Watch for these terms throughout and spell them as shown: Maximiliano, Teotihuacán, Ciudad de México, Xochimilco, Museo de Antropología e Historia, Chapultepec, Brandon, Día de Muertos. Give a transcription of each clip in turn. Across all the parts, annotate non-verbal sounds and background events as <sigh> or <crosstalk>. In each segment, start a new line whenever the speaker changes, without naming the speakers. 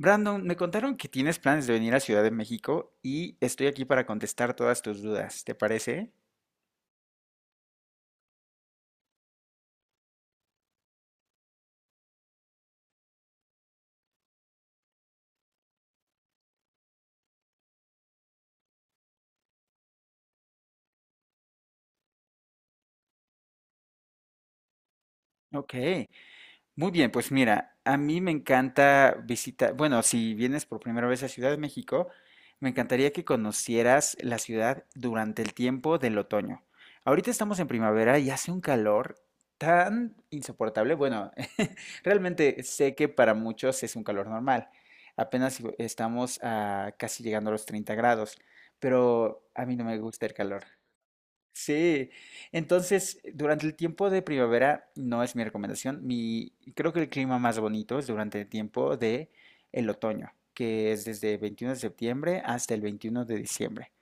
Brandon, me contaron que tienes planes de venir a Ciudad de México y estoy aquí para contestar todas tus dudas, ¿te parece? Ok. Muy bien, pues mira, a mí me encanta visitar, bueno, si vienes por primera vez a Ciudad de México, me encantaría que conocieras la ciudad durante el tiempo del otoño. Ahorita estamos en primavera y hace un calor tan insoportable. Bueno, <laughs> realmente sé que para muchos es un calor normal. Apenas si estamos a casi llegando a los 30 grados, pero a mí no me gusta el calor. Sí, entonces durante el tiempo de primavera no es mi recomendación. Mi, creo que el clima más bonito es durante el tiempo de el otoño, que es desde 21 de septiembre hasta el 21 de diciembre.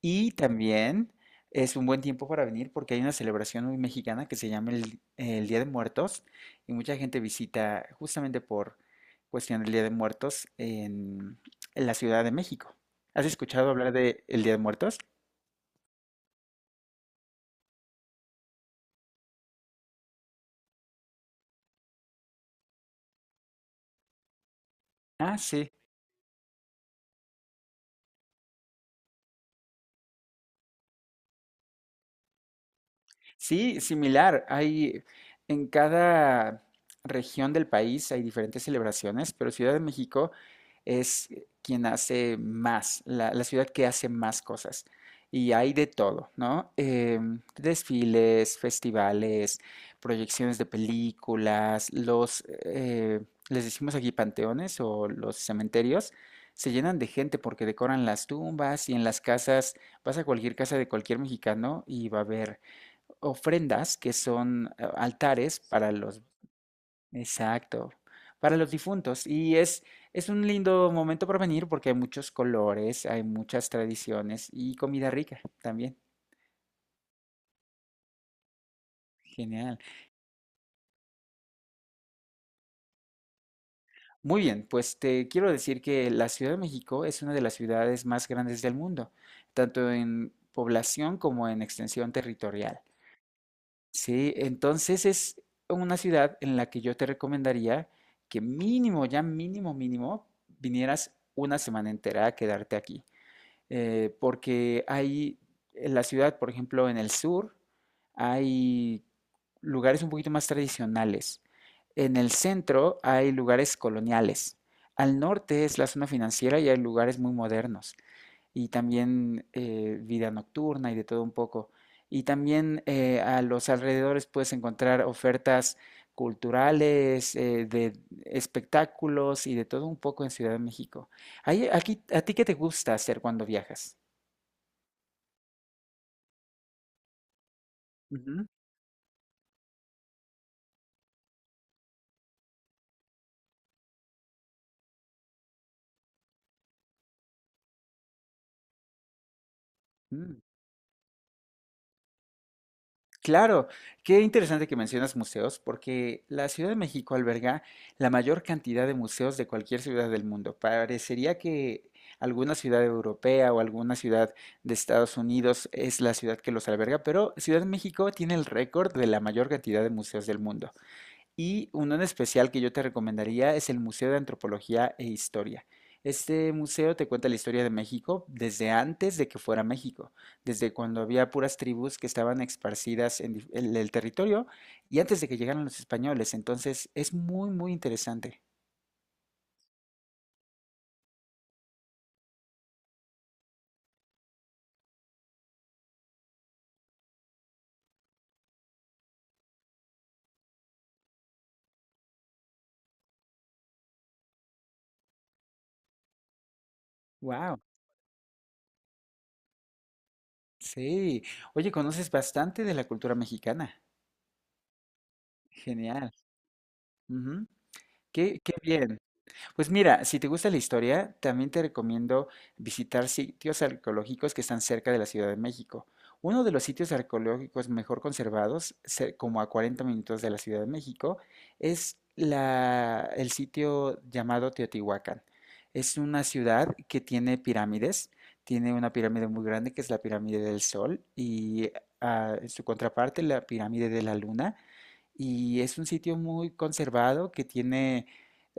Y también es un buen tiempo para venir porque hay una celebración muy mexicana que se llama el Día de Muertos y mucha gente visita justamente por cuestión del Día de Muertos en la Ciudad de México. ¿Has escuchado hablar de el Día de Muertos? Ah, sí. Sí, similar. Hay en cada región del país hay diferentes celebraciones, pero Ciudad de México es quien hace más, la ciudad que hace más cosas. Y hay de todo, ¿no? Em, desfiles, festivales, proyecciones de películas, los, les decimos aquí panteones o los cementerios, se llenan de gente porque decoran las tumbas y en las casas, vas a cualquier casa de cualquier mexicano y va a haber ofrendas que son altares para los, exacto, para los difuntos. Y es un lindo momento para venir porque hay muchos colores, hay muchas tradiciones y comida rica también. Genial. Muy bien, pues te quiero decir que la Ciudad de México es una de las ciudades más grandes del mundo, tanto en población como en extensión territorial. Sí, entonces es una ciudad en la que yo te recomendaría que mínimo, ya mínimo, mínimo, vinieras una semana entera a quedarte aquí. Porque hay en la ciudad, por ejemplo, en el sur, hay lugares un poquito más tradicionales. En el centro hay lugares coloniales. Al norte es la zona financiera y hay lugares muy modernos y también vida nocturna y de todo un poco. Y también a los alrededores puedes encontrar ofertas culturales, de espectáculos y de todo un poco en Ciudad de México. Aquí, ¿a ti qué te gusta hacer cuando viajas? Ujú. Mm. Claro, qué interesante que mencionas museos, porque la Ciudad de México alberga la mayor cantidad de museos de cualquier ciudad del mundo. Parecería que alguna ciudad europea o alguna ciudad de Estados Unidos es la ciudad que los alberga, pero Ciudad de México tiene el récord de la mayor cantidad de museos del mundo. Y uno en especial que yo te recomendaría es el Museo de Antropología e Historia. Este museo te cuenta la historia de México desde antes de que fuera México, desde cuando había puras tribus que estaban esparcidas en en el territorio y antes de que llegaran los españoles. Entonces es muy, muy interesante. Wow, sí. Oye, conoces bastante de la cultura mexicana. Genial. Ujú. Qué, qué bien. Pues mira, si te gusta la historia, también te recomiendo visitar sitios arqueológicos que están cerca de la Ciudad de México. Uno de los sitios arqueológicos mejor conservados, como a 40 minutos de la Ciudad de México, es el sitio llamado Teotihuacán. Es una ciudad que tiene pirámides, tiene una pirámide muy grande que es la pirámide del Sol y en su contraparte la pirámide de la Luna y es un sitio muy conservado que tiene,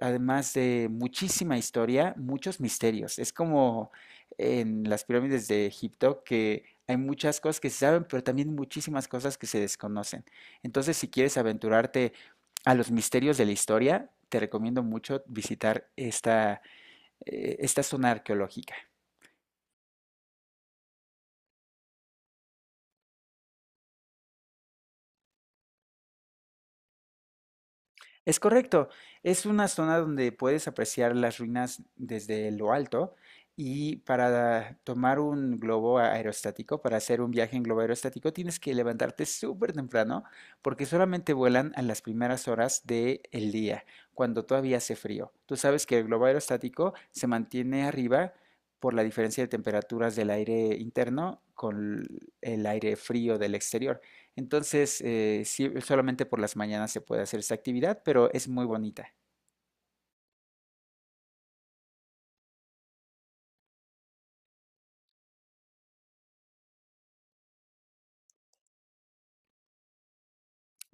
además de muchísima historia, muchos misterios. Es como en las pirámides de Egipto que hay muchas cosas que se saben, pero también muchísimas cosas que se desconocen. Entonces, si quieres aventurarte a los misterios de la historia, te recomiendo mucho visitar esta, esta zona arqueológica. Es correcto, es una zona donde puedes apreciar las ruinas desde lo alto y para tomar un globo aerostático, para hacer un viaje en globo aerostático, tienes que levantarte súper temprano porque solamente vuelan a las primeras horas del día, cuando todavía hace frío. Tú sabes que el globo aerostático se mantiene arriba por la diferencia de temperaturas del aire interno con el aire frío del exterior. Entonces, sí, solamente por las mañanas se puede hacer esta actividad, pero es muy bonita.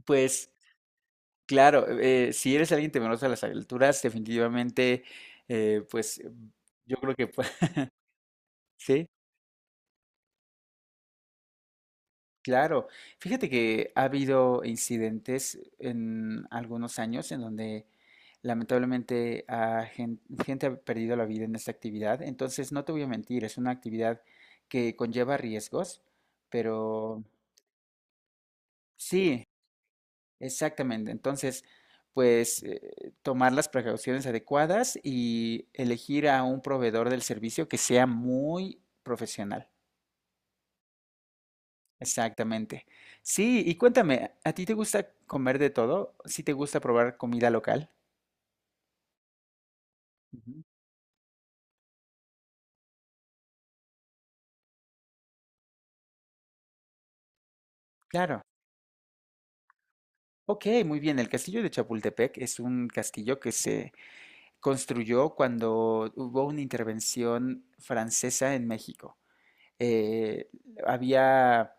Pues claro, si eres alguien temeroso a las alturas, definitivamente, eh, pues eh, yo creo que <laughs> sí, claro. Fíjate que ha habido incidentes en algunos años en donde lamentablemente ha gente ha perdido la vida en esta actividad. Entonces, no te voy a mentir, es una actividad que conlleva riesgos, pero sí, exactamente. Entonces, tomar las precauciones adecuadas y elegir a un proveedor del servicio que sea muy profesional. Exactamente. Sí, y cuéntame, ¿a ti te gusta comer de todo? ¿Sí te gusta probar comida local? Ujú, claro. Ok, muy bien. El castillo de Chapultepec es un castillo que se construyó cuando hubo una intervención francesa en México. eh, Había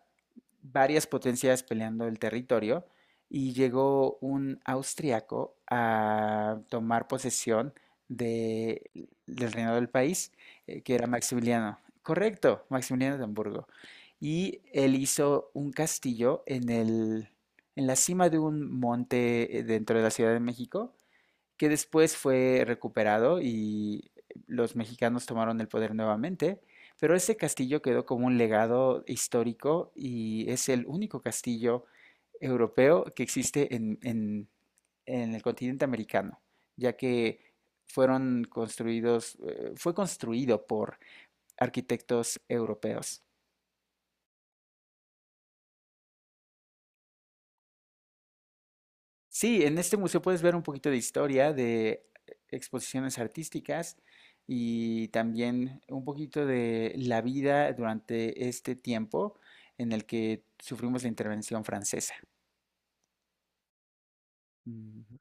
varias potencias peleando el territorio y llegó un austriaco a tomar posesión de- del reinado del país, que era Maximiliano. Correcto, Maximiliano de Hamburgo. Y él hizo un castillo en en la cima de un monte dentro de la Ciudad de México que después fue recuperado y los mexicanos tomaron el poder nuevamente, pero ese castillo quedó como un legado histórico y es el único castillo europeo que existe en, en el continente americano, ya que fue construido por arquitectos europeos. Sí, en este museo puedes ver un poquito de historia, de exposiciones artísticas y también un poquito de la vida durante este tiempo en el que sufrimos la intervención francesa. Ujú.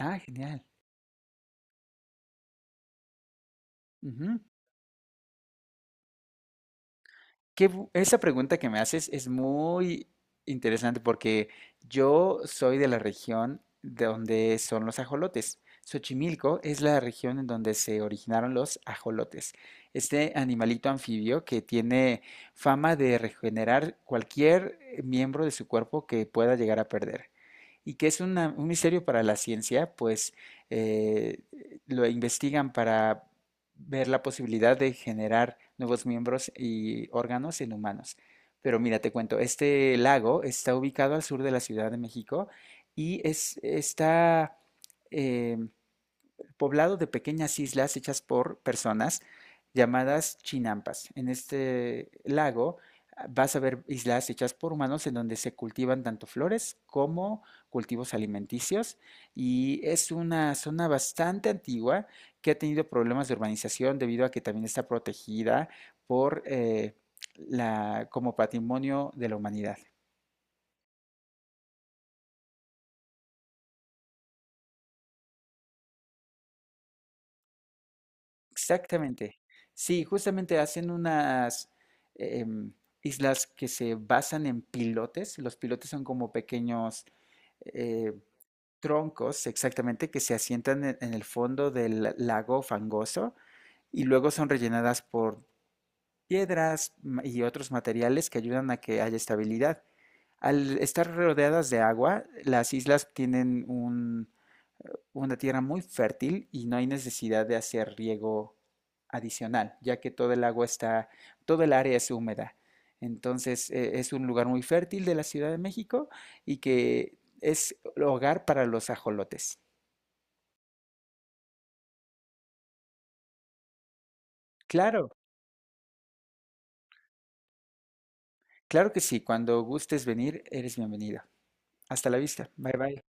Ah, genial. Esa pregunta que me haces es muy interesante porque yo soy de la región de donde son los ajolotes. Xochimilco es la región en donde se originaron los ajolotes. Este animalito anfibio que tiene fama de regenerar cualquier miembro de su cuerpo que pueda llegar a perder. Y que es un misterio para la ciencia, pues eh, lo investigan para ver la posibilidad de generar nuevos miembros y órganos en humanos. Pero mira, te cuento, este lago está ubicado al sur de la Ciudad de México y es, está eh, poblado de pequeñas islas hechas por personas llamadas chinampas. En este lago vas a ver islas hechas por humanos en donde se cultivan tanto flores como cultivos alimenticios y es una zona bastante antigua que ha tenido problemas de urbanización debido a que también está protegida por la, como patrimonio de la humanidad. Exactamente. Sí, justamente hacen unas em, islas que se basan en pilotes. Los pilotes son como pequeños eh, troncos, exactamente, que se asientan en el fondo del lago fangoso y luego son rellenadas por y otros materiales que ayudan a que haya estabilidad. Al estar rodeadas de agua, las islas tienen una tierra muy fértil y no hay necesidad de hacer riego adicional, ya que todo el agua está, todo el área es húmeda. Entonces, es un lugar muy fértil de la Ciudad de México y que es hogar para los ajolotes. Claro, claro que sí. Cuando gustes venir, eres bienvenido. Hasta la vista. Bye bye.